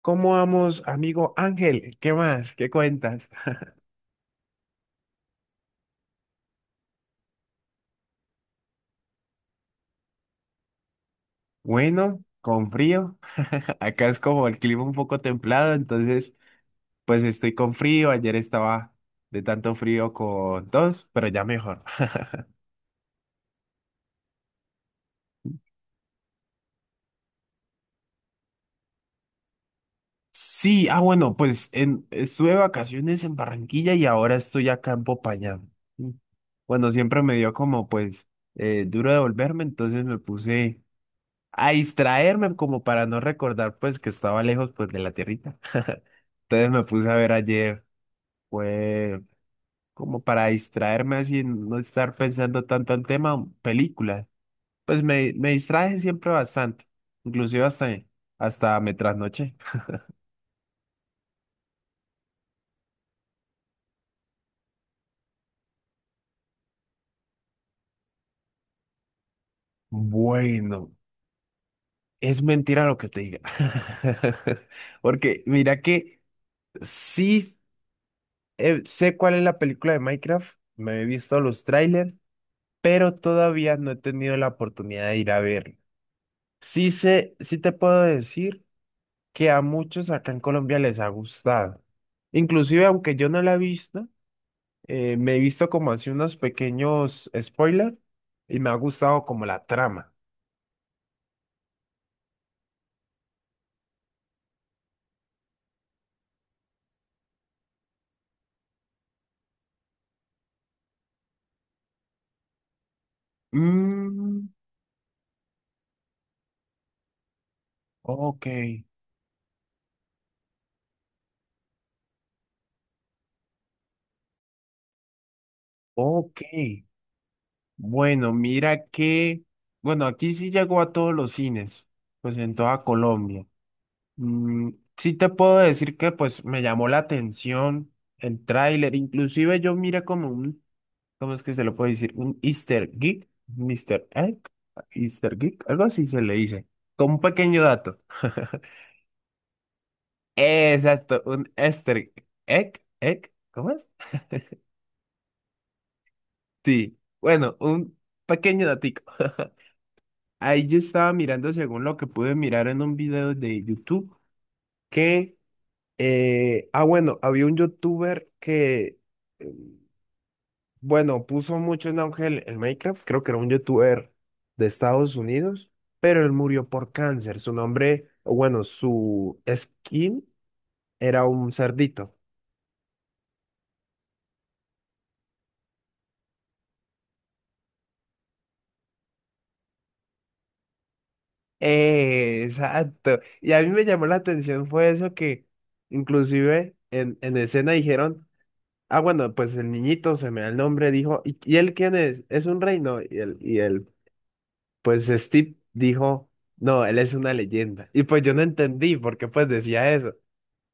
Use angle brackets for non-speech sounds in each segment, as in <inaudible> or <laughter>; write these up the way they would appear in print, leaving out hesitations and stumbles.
¿Cómo vamos, amigo Ángel? ¿Qué más? ¿Qué cuentas? Bueno, con frío. <laughs> Acá es como el clima un poco templado, entonces pues estoy con frío. Ayer estaba de tanto frío con tos, pero ya mejor. Sí, ah bueno, estuve de vacaciones en Barranquilla y ahora estoy acá en Popayán. Mm. Bueno, siempre me dio como pues duro devolverme, entonces me puse a distraerme como para no recordar pues que estaba lejos pues de la tierrita. Entonces me puse a ver ayer, fue como para distraerme así, no estar pensando tanto en tema, películas. Pues me distraje siempre bastante, inclusive hasta, hasta me trasnoché. Bueno, es mentira lo que te diga. <laughs> Porque mira que sí, sé cuál es la película de Minecraft, me he visto los trailers, pero todavía no he tenido la oportunidad de ir a verla. Sí sé, sí te puedo decir que a muchos acá en Colombia les ha gustado. Inclusive, aunque yo no la he visto, me he visto como así unos pequeños spoilers y me ha gustado como la trama. Mm, ok, ok. Bueno, bueno, aquí sí llegó a todos los cines, pues en toda Colombia. Mm, sí te puedo decir que pues me llamó la atención el tráiler, inclusive yo miré como un ¿cómo es que se lo puede decir? Un Easter Geek, Mister Egg, Easter Geek, algo así se le dice. Con un pequeño dato. <laughs> Exacto, un Easter Egg, Egg, ¿cómo es? Sí, bueno, un pequeño datico. <laughs> Ahí yo estaba mirando, según lo que pude mirar en un video de YouTube, que, bueno, había un youtuber que, eh, bueno, puso mucho en auge el Minecraft, creo que era un youtuber de Estados Unidos, pero él murió por cáncer. Su nombre, o bueno, su skin era un cerdito. Exacto. Y a mí me llamó la atención fue eso que inclusive en escena dijeron, ah, bueno, pues el niñito se me da el nombre, dijo, y él quién es? Es un reino. Y él, pues Steve dijo, no, él es una leyenda. Y pues yo no entendí por qué pues decía eso.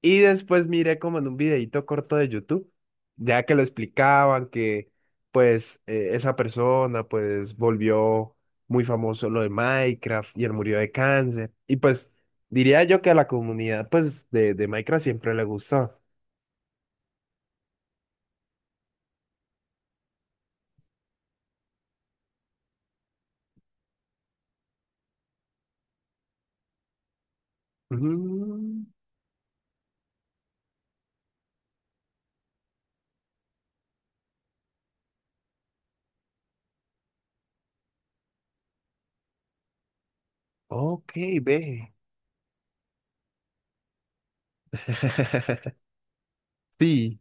Y después miré como en un videíto corto de YouTube, ya que lo explicaban que pues esa persona pues volvió muy famoso lo de Minecraft y él murió de cáncer. Y pues diría yo que a la comunidad pues de Minecraft siempre le gustó. Mm, ok, ve. <laughs> Sí,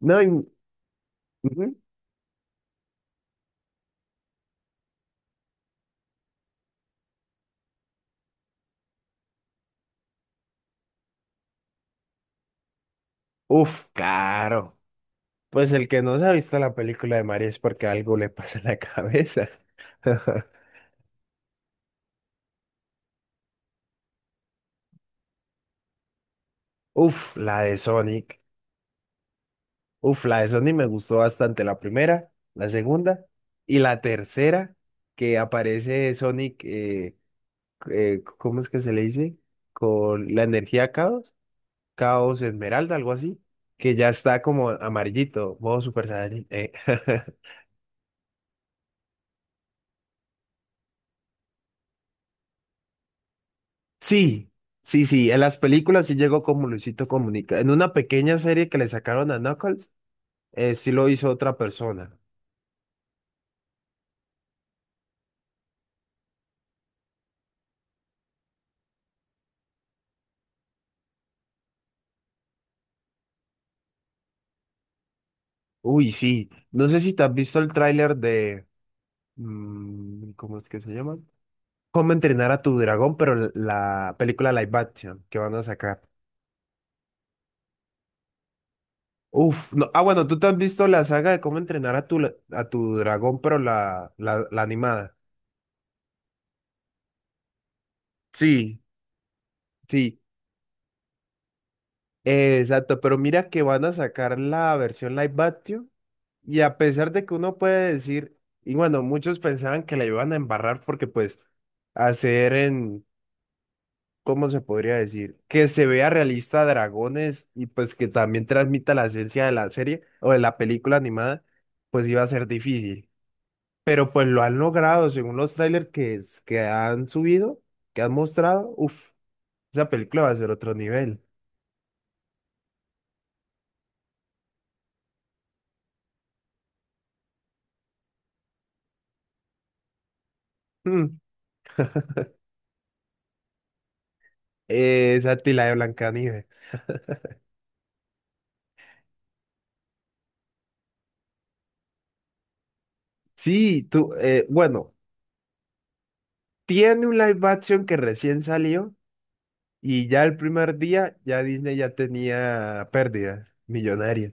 no, y- ujú. Uf, claro. Pues el que no se ha visto la película de Mario es porque algo le pasa en la cabeza. <laughs> Uf, la de Sonic. Uf, la de Sonic me gustó bastante. La primera, la segunda y la tercera que aparece Sonic, ¿cómo es que se le dice? Con la energía caos, caos esmeralda, algo así, que ya está como amarillito, modo Super Saiyan. <laughs> Sí, sí, sí, en las películas sí llegó como Luisito Comunica. En una pequeña serie que le sacaron a Knuckles, sí lo hizo otra persona. Uy, sí. No sé si te has visto el tráiler de... mm, ¿cómo es que se llama? ¿Cómo entrenar a tu dragón? Pero la película live action que van a sacar. Uf, no. Ah, bueno, tú te has visto la saga de cómo entrenar a tu, a tu dragón, pero la animada. Sí, sí, exacto. Pero mira que van a sacar la versión live action. Y a pesar de que uno puede decir, y bueno, muchos pensaban que la iban a embarrar porque pues hacer en, ¿cómo se podría decir? Que se vea realista Dragones y pues que también transmita la esencia de la serie o de la película animada, pues iba a ser difícil. Pero pues lo han logrado, según los trailers que han subido, que han mostrado, uff, esa película va a ser otro nivel. Mm, esa tila de Blancanieves. Sí, bueno, tiene un live action que recién salió y ya el primer día ya Disney ya tenía pérdidas millonarias.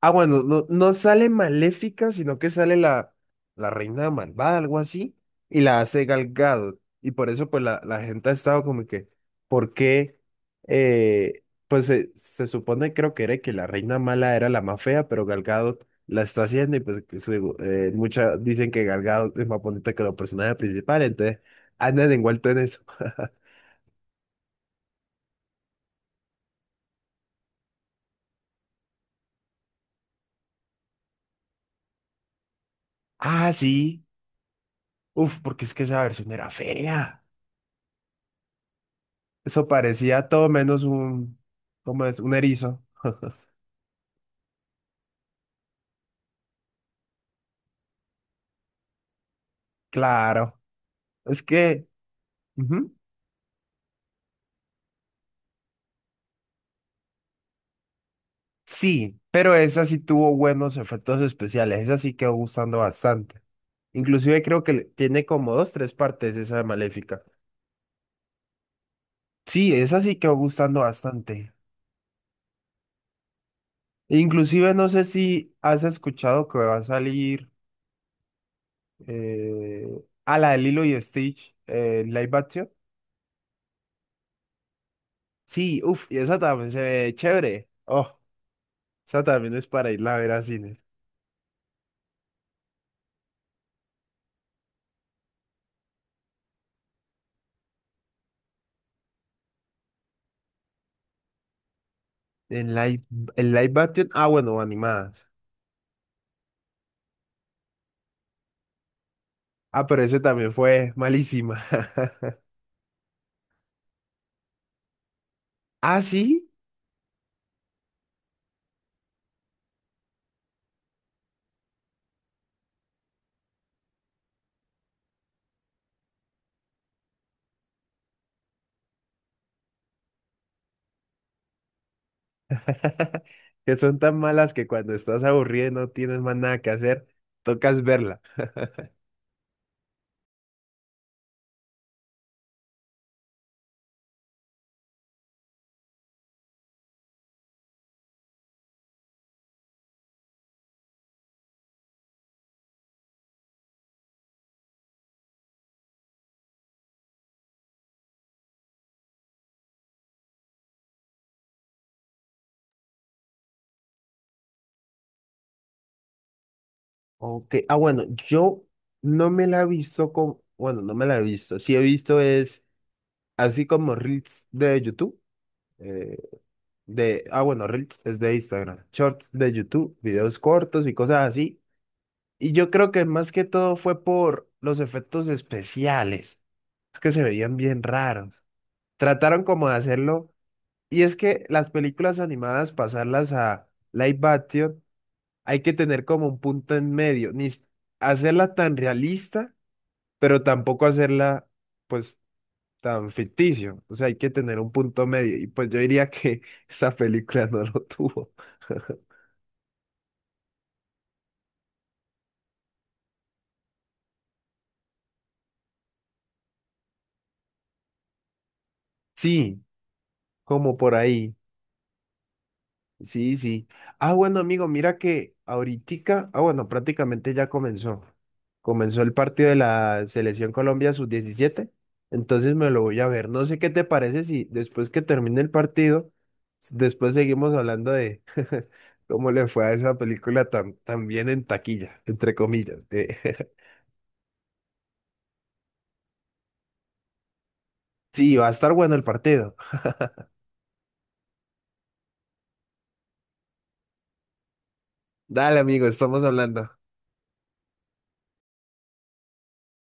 Ah, bueno, no, no sale Maléfica, sino que sale la reina malvada, algo así, y la hace Gal Gadot. Y por eso, pues, la gente ha estado como que, ¿por qué? Pues se supone, creo que era que la reina mala era la más fea, pero Gal Gadot la está haciendo, y pues, muchas dicen que Gal Gadot es más bonita que los personajes principales, entonces andan envueltos en eso. <laughs> Ah, sí. Uf, porque es que esa versión era fea. Eso parecía todo menos un, ¿cómo es? Un erizo. <laughs> Claro. Es que, ujú, sí, pero esa sí tuvo buenos efectos especiales. Esa sí quedó gustando bastante. Inclusive creo que tiene como dos, tres partes esa de Maléfica. Sí, esa sí quedó gustando bastante. Inclusive no sé si has escuchado que va a salir eh, a la de Lilo y Stitch en live action. Sí, uff, y esa también se ve chévere. Oh, esa también es para irla a ver a cine. El live, el live action, ah, bueno, animadas. Ah, pero ese también fue malísima. <laughs> Ah, sí. <laughs> Que son tan malas que cuando estás aburrido y no tienes más nada que hacer, tocas verla. Ok, ah, bueno, yo no me la he visto con, bueno, no me la he visto. Sí he visto es así como Reels de YouTube. eh, bueno, Reels es de Instagram. Shorts de YouTube, videos cortos y cosas así. Y yo creo que más que todo fue por los efectos especiales. Es que se veían bien raros. Trataron como de hacerlo. Y es que las películas animadas, pasarlas a live action, hay que tener como un punto en medio. Ni s- hacerla tan realista, pero tampoco hacerla, pues, tan ficticio. O sea, hay que tener un punto medio. Y pues yo diría que <laughs> esa película no lo tuvo. <laughs> Sí, como por ahí. Sí, sí. Ah, bueno, amigo, mira que ahoritica, ah, bueno, prácticamente ya comenzó. Comenzó el partido de la Selección Colombia sub 17, entonces me lo voy a ver. No sé qué te parece si después que termine el partido, después seguimos hablando de <laughs> cómo le fue a esa película tan, tan bien en taquilla, entre comillas. <laughs> Sí, va a estar bueno el partido. Dale, amigo, estamos hablando.